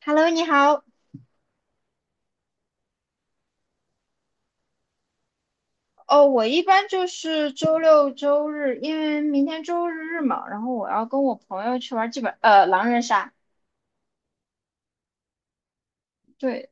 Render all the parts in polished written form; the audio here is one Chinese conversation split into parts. Hello，你好。哦，我一般就是周六周日，因为明天周日嘛，然后我要跟我朋友去玩剧本，狼人杀。对，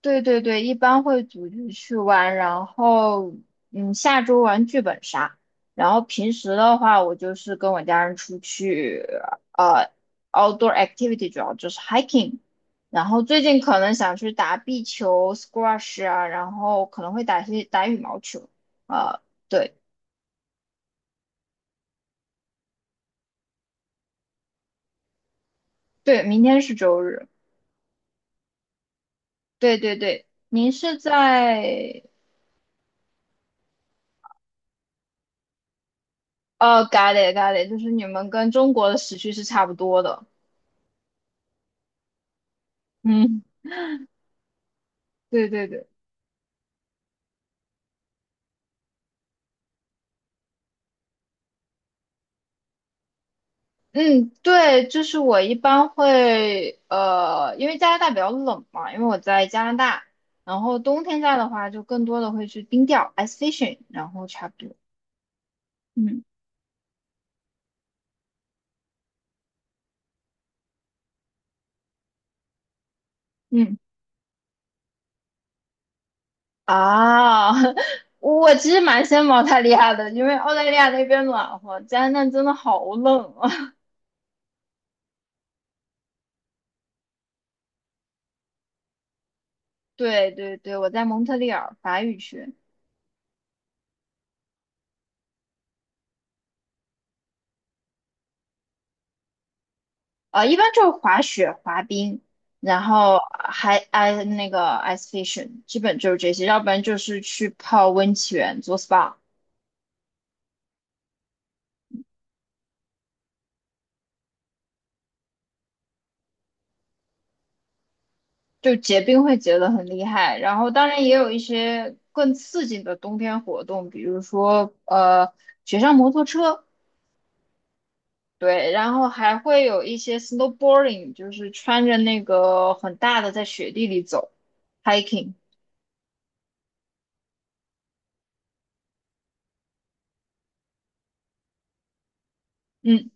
对对对，一般会组局去玩，然后下周玩剧本杀。然后平时的话，我就是跟我家人出去，呃，outdoor activity 主要就是 hiking。然后最近可能想去打壁球、squash 啊，然后可能会打羽毛球，呃。对。对，明天是周日。对对对，您是在g o t i g i 就是你们跟中国的时区是差不多的。嗯，对对对，嗯，对，就是我一般会因为加拿大比较冷嘛，因为我在加拿大，然后冬天在的话就更多的会去冰钓 ice fishing，然后差不多。嗯嗯啊，我其实蛮羡慕澳大利亚的，因为澳大利亚那边暖和，加拿大真的好冷啊。对对对，我在蒙特利尔法语区。一般就是滑雪、滑冰，然后还 那个 ice fishing，基本就是这些，要不然就是去泡温泉、做 SPA。就结冰会结得很厉害。然后当然也有一些更刺激的冬天活动，比如说雪上摩托车，对，然后还会有一些 snowboarding，就是穿着那个很大的在雪地里走 hiking。嗯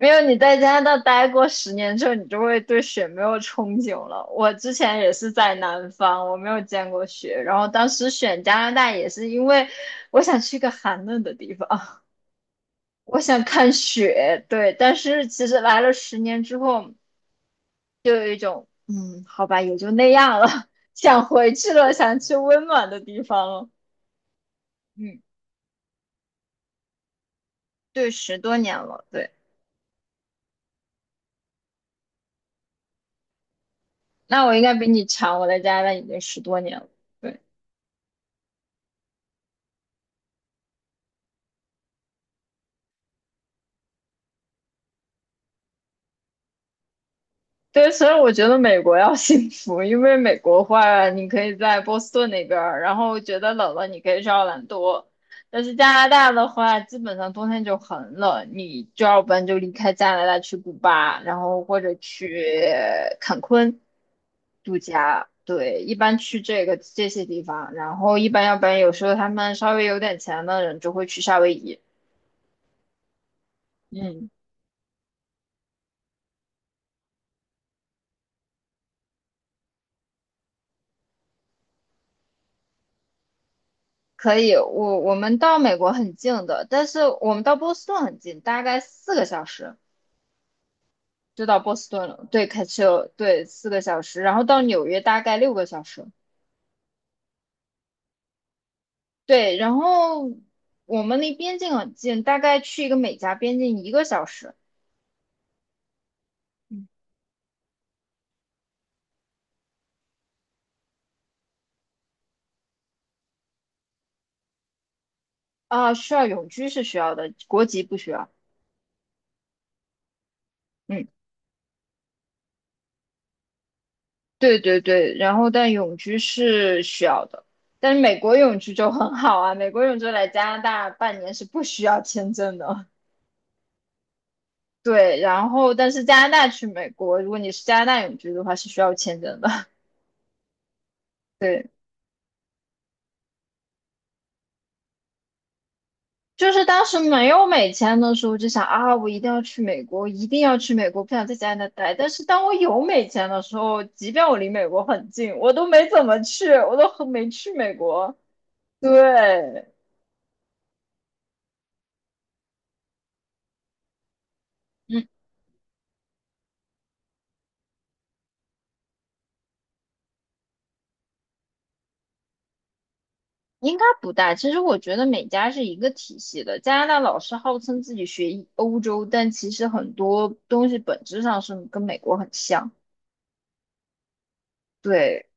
没有，你在加拿大待过十年之后，你就会对雪没有憧憬了。我之前也是在南方，我没有见过雪，然后当时选加拿大也是因为我想去一个寒冷的地方，我想看雪。对，但是其实来了十年之后，就有一种好吧，也就那样了，想回去了，想去温暖的地方了。嗯，对，十多年了。对，那我应该比你长，我在加拿大已经十多年了。对。对，所以我觉得美国要 幸福，因为美国话你可以在波士顿那边儿，然后觉得冷了你可以去奥兰多。但是加拿大的话，基本上冬天就很冷，你就要不然就离开加拿大去古巴，然后或者去坎昆度假。对，一般去这个这些地方，然后一般要不然有时候他们稍微有点钱的人就会去夏威夷。嗯。可以，我们到美国很近的，但是我们到波士顿很近，大概四个小时就到波士顿了。对，开车，对，四个小时，然后到纽约大概6个小时。对，然后我们离边境很近，大概去一个美加边境1个小时。嗯啊，需要永居是需要的，国籍不需要。嗯，对对对，然后但永居是需要的，但是美国永居就很好啊，美国永居来加拿大半年是不需要签证的。对，然后但是加拿大去美国，如果你是加拿大永居的话，是需要签证的。对，就是当时没有美签的时候，就想啊，我一定要去美国，一定要去美国，不想在加拿大待。但是当我有美签的时候，即便我离美国很近，我都没怎么去，我都很没去美国。对，嗯，应该不大。其实我觉得美加是一个体系的。加拿大老是号称自己学欧洲，但其实很多东西本质上是跟美国很像。对。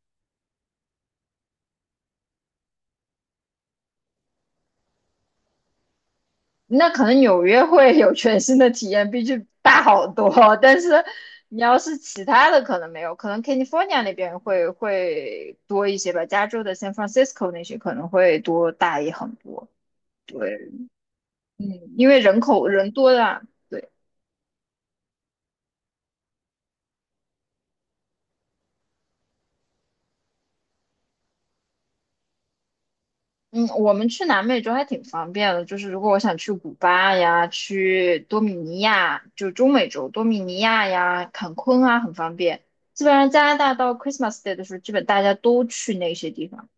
那可能纽约会有全新的体验，毕竟大好多。但是你要是其他的，可能没有，可能 California 那边会多一些吧，加州的 San Francisco 那些可能会多大也很多，因为人口人多的啊。对，嗯，我们去南美洲还挺方便的，就是如果我想去古巴呀，去多米尼亚，就中美洲多米尼亚呀、坎昆啊，很方便。基本上加拿大到 Christmas Day 的时候，基本大家都去那些地方。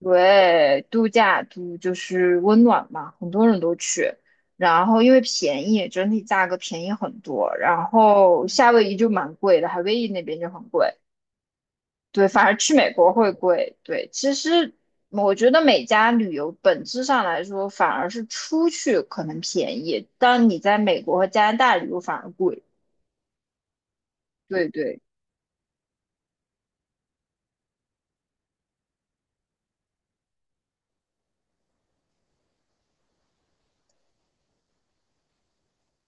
对，度假，就是温暖嘛，很多人都去。然后因为便宜，整体价格便宜很多。然后夏威夷就蛮贵的，夏威夷那边就很贵。对，反而去美国会贵。对，其实我觉得每家旅游本质上来说，反而是出去可能便宜，但你在美国和加拿大旅游反而贵。对对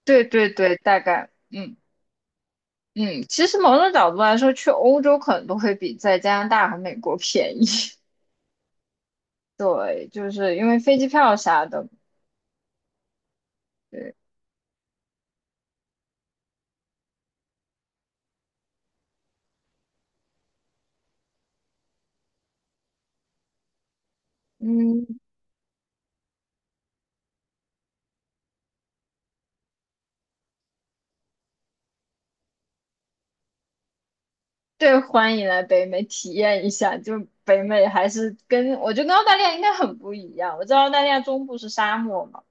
对对对，大概嗯，其实某种角度来说，去欧洲可能都会比在加拿大和美国便宜。对，就是因为飞机票啥的，对，嗯，对，欢迎来北美体验一下。就北美还是跟我觉得跟澳大利亚应该很不一样。我知道澳大利亚中部是沙漠嘛，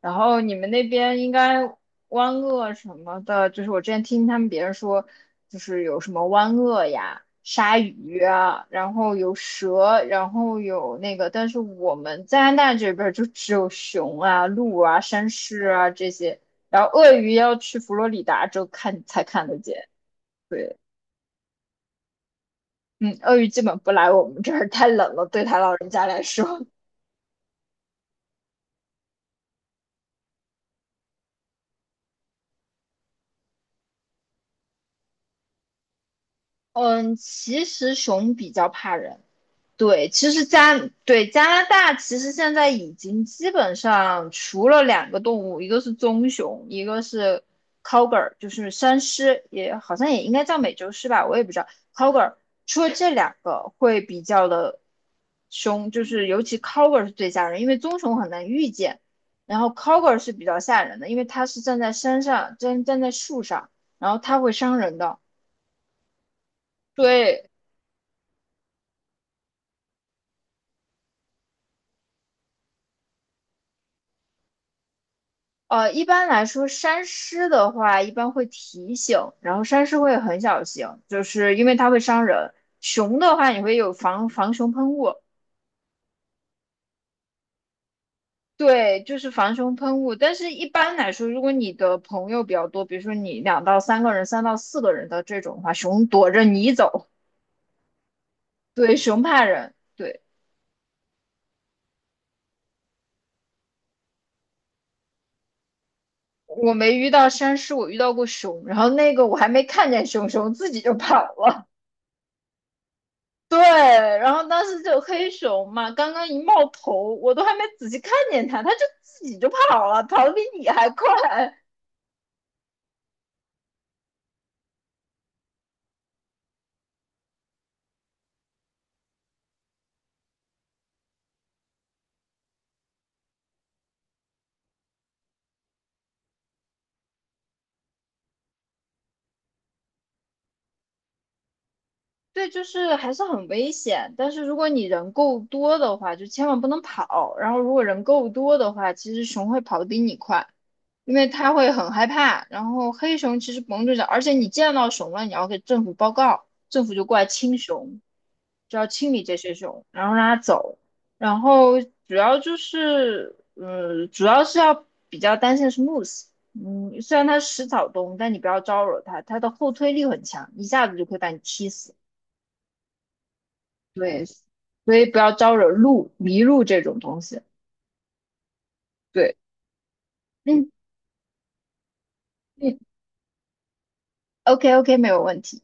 然后你们那边应该湾鳄什么的，就是我之前听他们别人说，就是有什么湾鳄呀、鲨鱼啊，然后有蛇，然后有那个，但是我们加拿大这边儿就只有熊啊、鹿啊、山狮啊这些，然后鳄鱼要去佛罗里达州看才看得见。对，嗯，鳄鱼基本不来我们这儿，太冷了，对他老人家来说。嗯，其实熊比较怕人，对，其实加对加拿大其实现在已经基本上除了两个动物，一个是棕熊，一个是 cougar，就是山狮，也好像也应该叫美洲狮吧，我也不知道 cougar。除了这两个会比较的凶，就是尤其 cougar 是最吓人，因为棕熊很难遇见，然后 cougar 是比较吓人的，因为它是站在山上，站在树上，然后它会伤人的。对，一般来说，山狮的话一般会提醒，然后山狮会很小心，就是因为它会伤人。熊的话，你会有防熊喷雾，对，就是防熊喷雾。但是一般来说，如果你的朋友比较多，比如说你2到3个人、3到4个人的这种的话，熊躲着你走，对，熊怕人。对，我没遇到山狮，我遇到过熊，然后那个我还没看见熊，熊自己就跑了。对，然后当时就黑熊嘛，刚刚一冒头，我都还没仔细看见它，它就自己就跑了，跑得比你还快。对，就是还是很危险。但是如果你人够多的话，就千万不能跑。然后如果人够多的话，其实熊会跑得比你快，因为它会很害怕。然后黑熊其实甭住脚，而且你见到熊了，你要给政府报告，政府就过来清熊，就要清理这些熊，然后让它走。然后主要就是，嗯，主要是要比较担心的是 moose。嗯，虽然它食草动物，但你不要招惹它，它的后推力很强，一下子就可以把你踢死。对，所以不要招惹路迷路这种东西。对，嗯嗯，OK OK，没有问题。